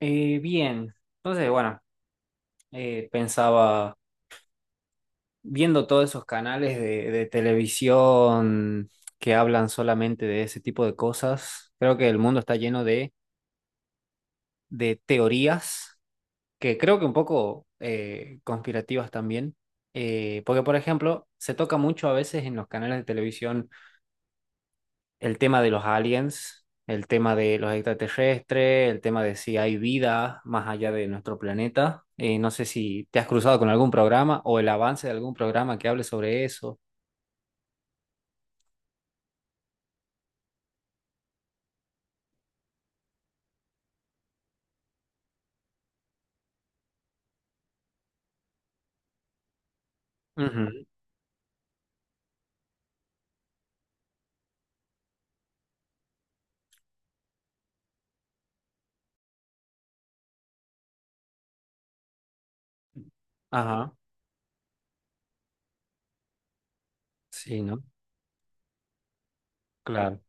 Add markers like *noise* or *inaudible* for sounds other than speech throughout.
Bien, entonces, bueno, pensaba, viendo todos esos canales de televisión que hablan solamente de ese tipo de cosas. Creo que el mundo está lleno de teorías, que creo que un poco conspirativas también. Porque, por ejemplo, se toca mucho a veces en los canales de televisión el tema de los aliens, el tema de los extraterrestres, el tema de si hay vida más allá de nuestro planeta. No sé si te has cruzado con algún programa o el avance de algún programa que hable sobre eso. Ujú. Ajá, sí, ¿no? Claro.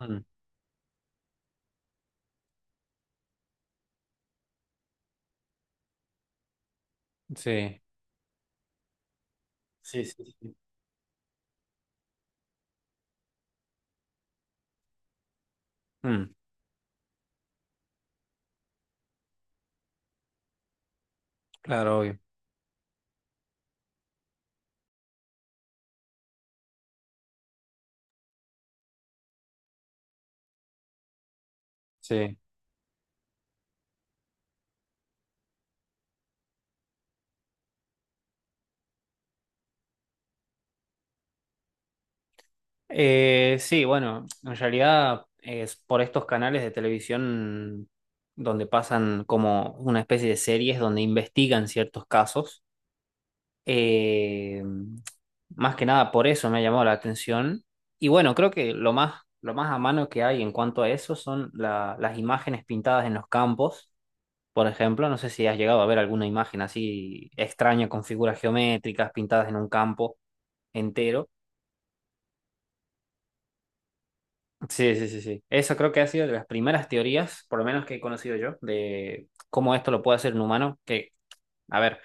Mm, sí, sí, sí, sí. Mm, claro, obvio. Sí. Sí, bueno, en realidad es por estos canales de televisión donde pasan como una especie de series donde investigan ciertos casos. Eh, Más que nada por eso me ha llamado la atención. Y bueno, creo que lo más a mano que hay en cuanto a eso son las imágenes pintadas en los campos. Por ejemplo, no sé si has llegado a ver alguna imagen así extraña con figuras geométricas pintadas en un campo entero. Sí, sí, sí, sí. Eso creo que ha sido de las primeras teorías, por lo menos que he conocido yo, de cómo esto lo puede hacer un humano, que, a ver,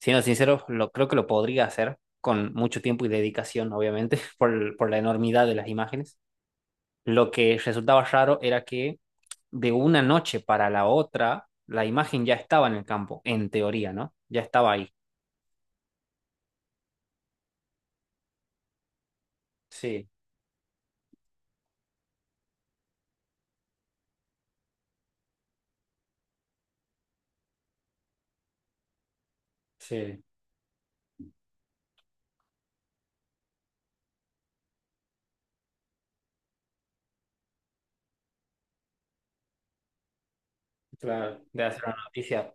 siendo sincero, creo que lo podría hacer con mucho tiempo y dedicación, obviamente, *laughs* por la enormidad de las imágenes. Lo que resultaba raro era que de una noche para la otra, la imagen ya estaba en el campo, en teoría, ¿no? Ya estaba ahí. Sí, sí, claro. De hacer una noticia.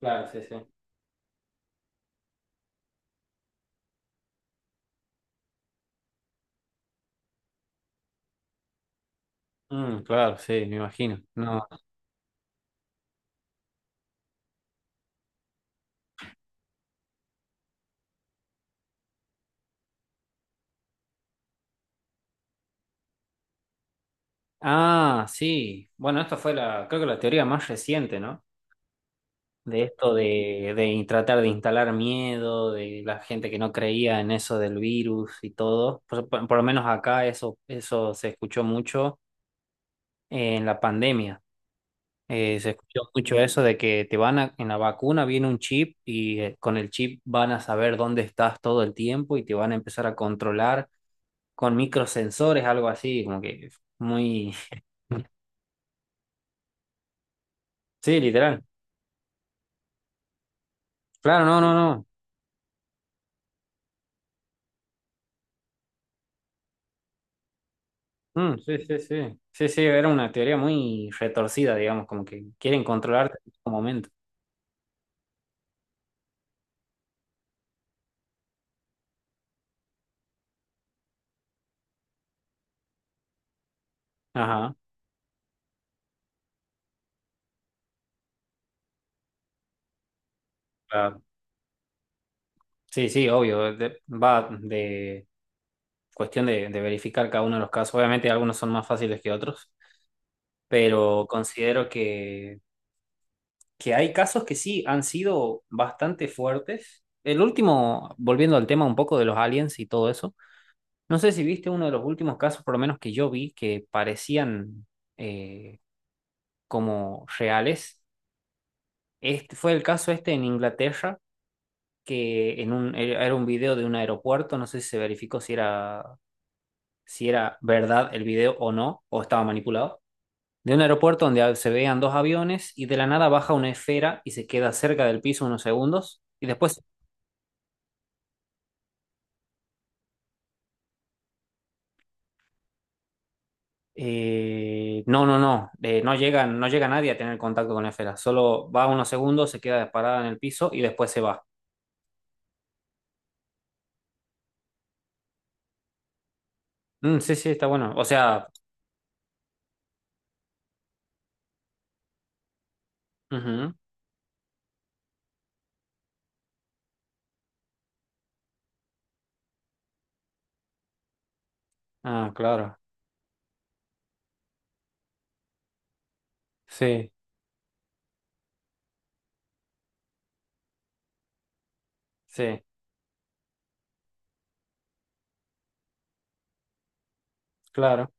Claro, sí, sí. Mm, claro, sí, me imagino. No. Ah, sí. Bueno, esta fue creo que la teoría más reciente, ¿no? De esto de, tratar de instalar miedo, de la gente que no creía en eso del virus y todo. Por lo menos acá eso se escuchó mucho en la pandemia. Se escuchó mucho eso de que en la vacuna viene un chip y con el chip van a saber dónde estás todo el tiempo y te van a empezar a controlar con microsensores, algo así, como que muy... *laughs* Sí, literal. Claro, no, no, no. Mm, sí, sí, sí. Sí, sí, era una teoría muy retorcida, digamos, como que quieren controlarte en todo momento. Ajá. Claro. Sí, sí, obvio. Va de cuestión de verificar cada uno de los casos. Obviamente algunos son más fáciles que otros, pero considero que, hay casos que sí han sido bastante fuertes. El último, volviendo al tema un poco de los aliens y todo eso, no sé si viste uno de los últimos casos, por lo menos que yo vi, que parecían eh, como reales. Este, fue el caso este en Inglaterra, que era un video de un aeropuerto, no sé si se verificó si era, si era verdad el video o no, o estaba manipulado, de un aeropuerto donde se veían dos aviones y de la nada baja una esfera y se queda cerca del piso unos segundos y después, no, no, no, no llega nadie a tener contacto con la esfera, solo va unos segundos, se queda disparada en el piso y después se va. Mm, sí, sí, está bueno. O sea, ujú. Ah, claro, sí, sí, claro.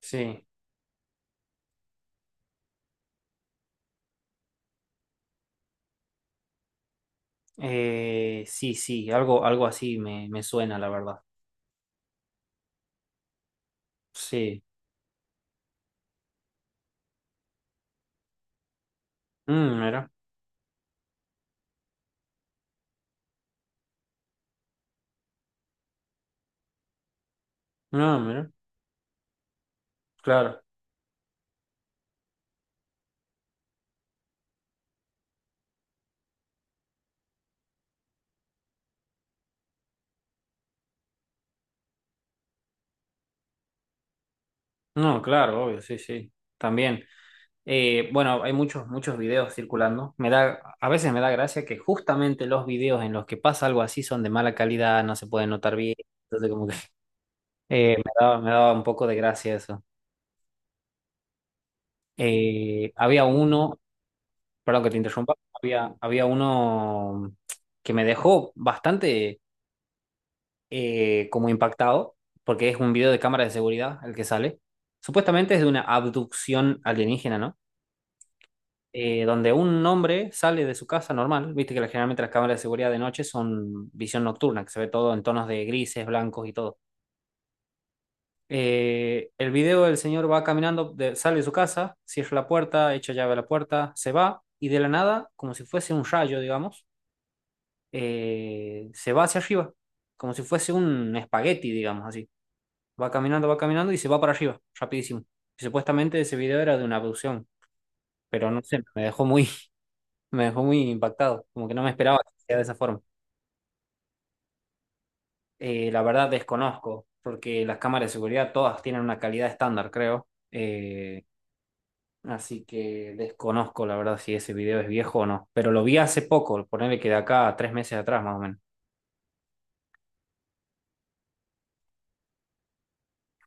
Sí. Sí, sí, algo así me suena, la verdad. Sí. Mm, mira, no, mira, claro. No, claro, obvio, sí, sí. También. Bueno, hay muchos, muchos videos circulando. A veces me da gracia que justamente los videos en los que pasa algo así son de mala calidad, no se pueden notar bien. Entonces, como que *laughs* me daba un poco de gracia eso. Había uno, perdón que te interrumpa, había, uno que me dejó bastante, como impactado, porque es un video de cámara de seguridad el que sale. Supuestamente es de una abducción alienígena, ¿no? Donde un hombre sale de su casa normal, viste que generalmente las cámaras de seguridad de noche son visión nocturna, que se ve todo en tonos de grises, blancos y todo. El video del señor va caminando, sale de su casa, cierra la puerta, echa llave a la puerta, se va y de la nada, como si fuese un rayo, digamos, se va hacia arriba, como si fuese un espagueti, digamos así. Va caminando y se va para arriba, rapidísimo. Y supuestamente ese video era de una abducción, pero no sé, me dejó muy, *laughs* me dejó muy impactado, como que no me esperaba que sea de esa forma. La verdad desconozco, porque las cámaras de seguridad todas tienen una calidad estándar, creo. Así que desconozco, la verdad, si ese video es viejo o no. Pero lo vi hace poco, ponerle que de acá a 3 meses atrás, más o menos.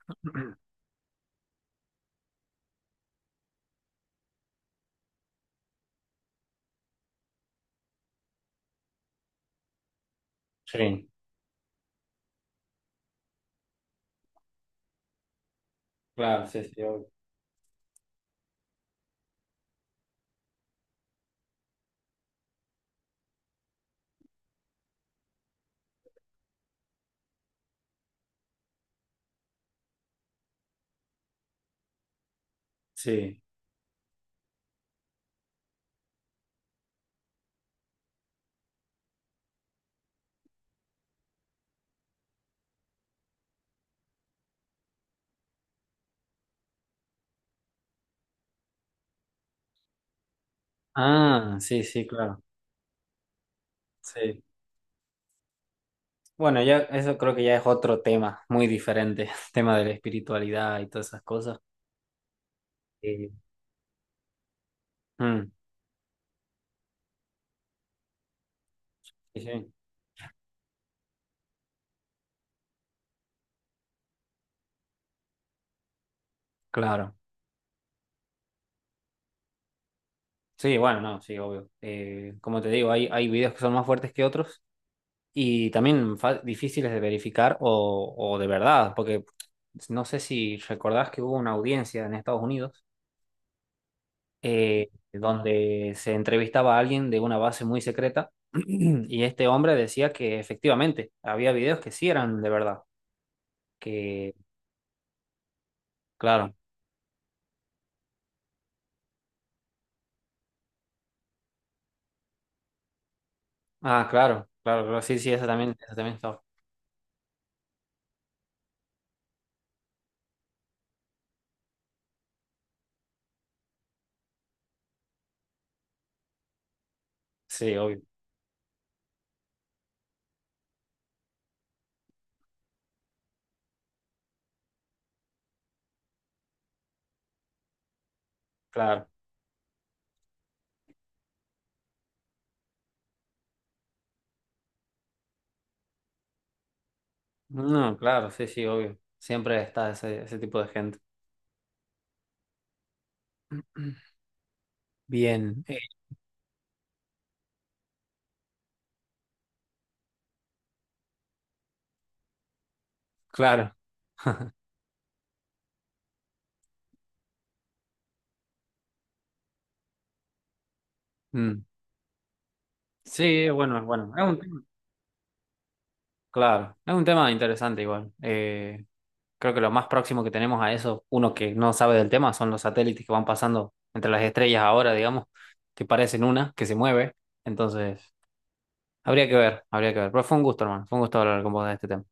*clears throat* Sí, claro, sí, sí. Obvio. Sí. Ah, sí, sí, claro. Sí. Bueno, ya eso creo que ya es otro tema muy diferente, *laughs* tema de la espiritualidad y todas esas cosas. Eh, mm, sí, sí, claro. Sí, bueno, no, sí, obvio. Como te digo, hay videos que son más fuertes que otros y también difíciles de verificar o de verdad, porque no sé si recordás que hubo una audiencia en Estados Unidos eh, donde se entrevistaba a alguien de una base muy secreta *clears throat* y este hombre decía que efectivamente había videos que sí eran de verdad, que... Claro. Ah, claro, claro, claro, sí, sí, esa también está. Sí, obvio, claro. No, claro, sí, sí, obvio. Siempre está ese tipo de gente. *clears throat* Bien, claro. Mm. Sí, bueno, bueno, es un tema, claro, es un tema interesante igual. Creo que lo más próximo que tenemos a eso, uno que no sabe del tema, son los satélites que van pasando entre las estrellas ahora, digamos, que parecen que se mueve. Entonces, habría que ver, habría que ver. Pero fue un gusto, hermano, fue un gusto hablar con vos de este tema.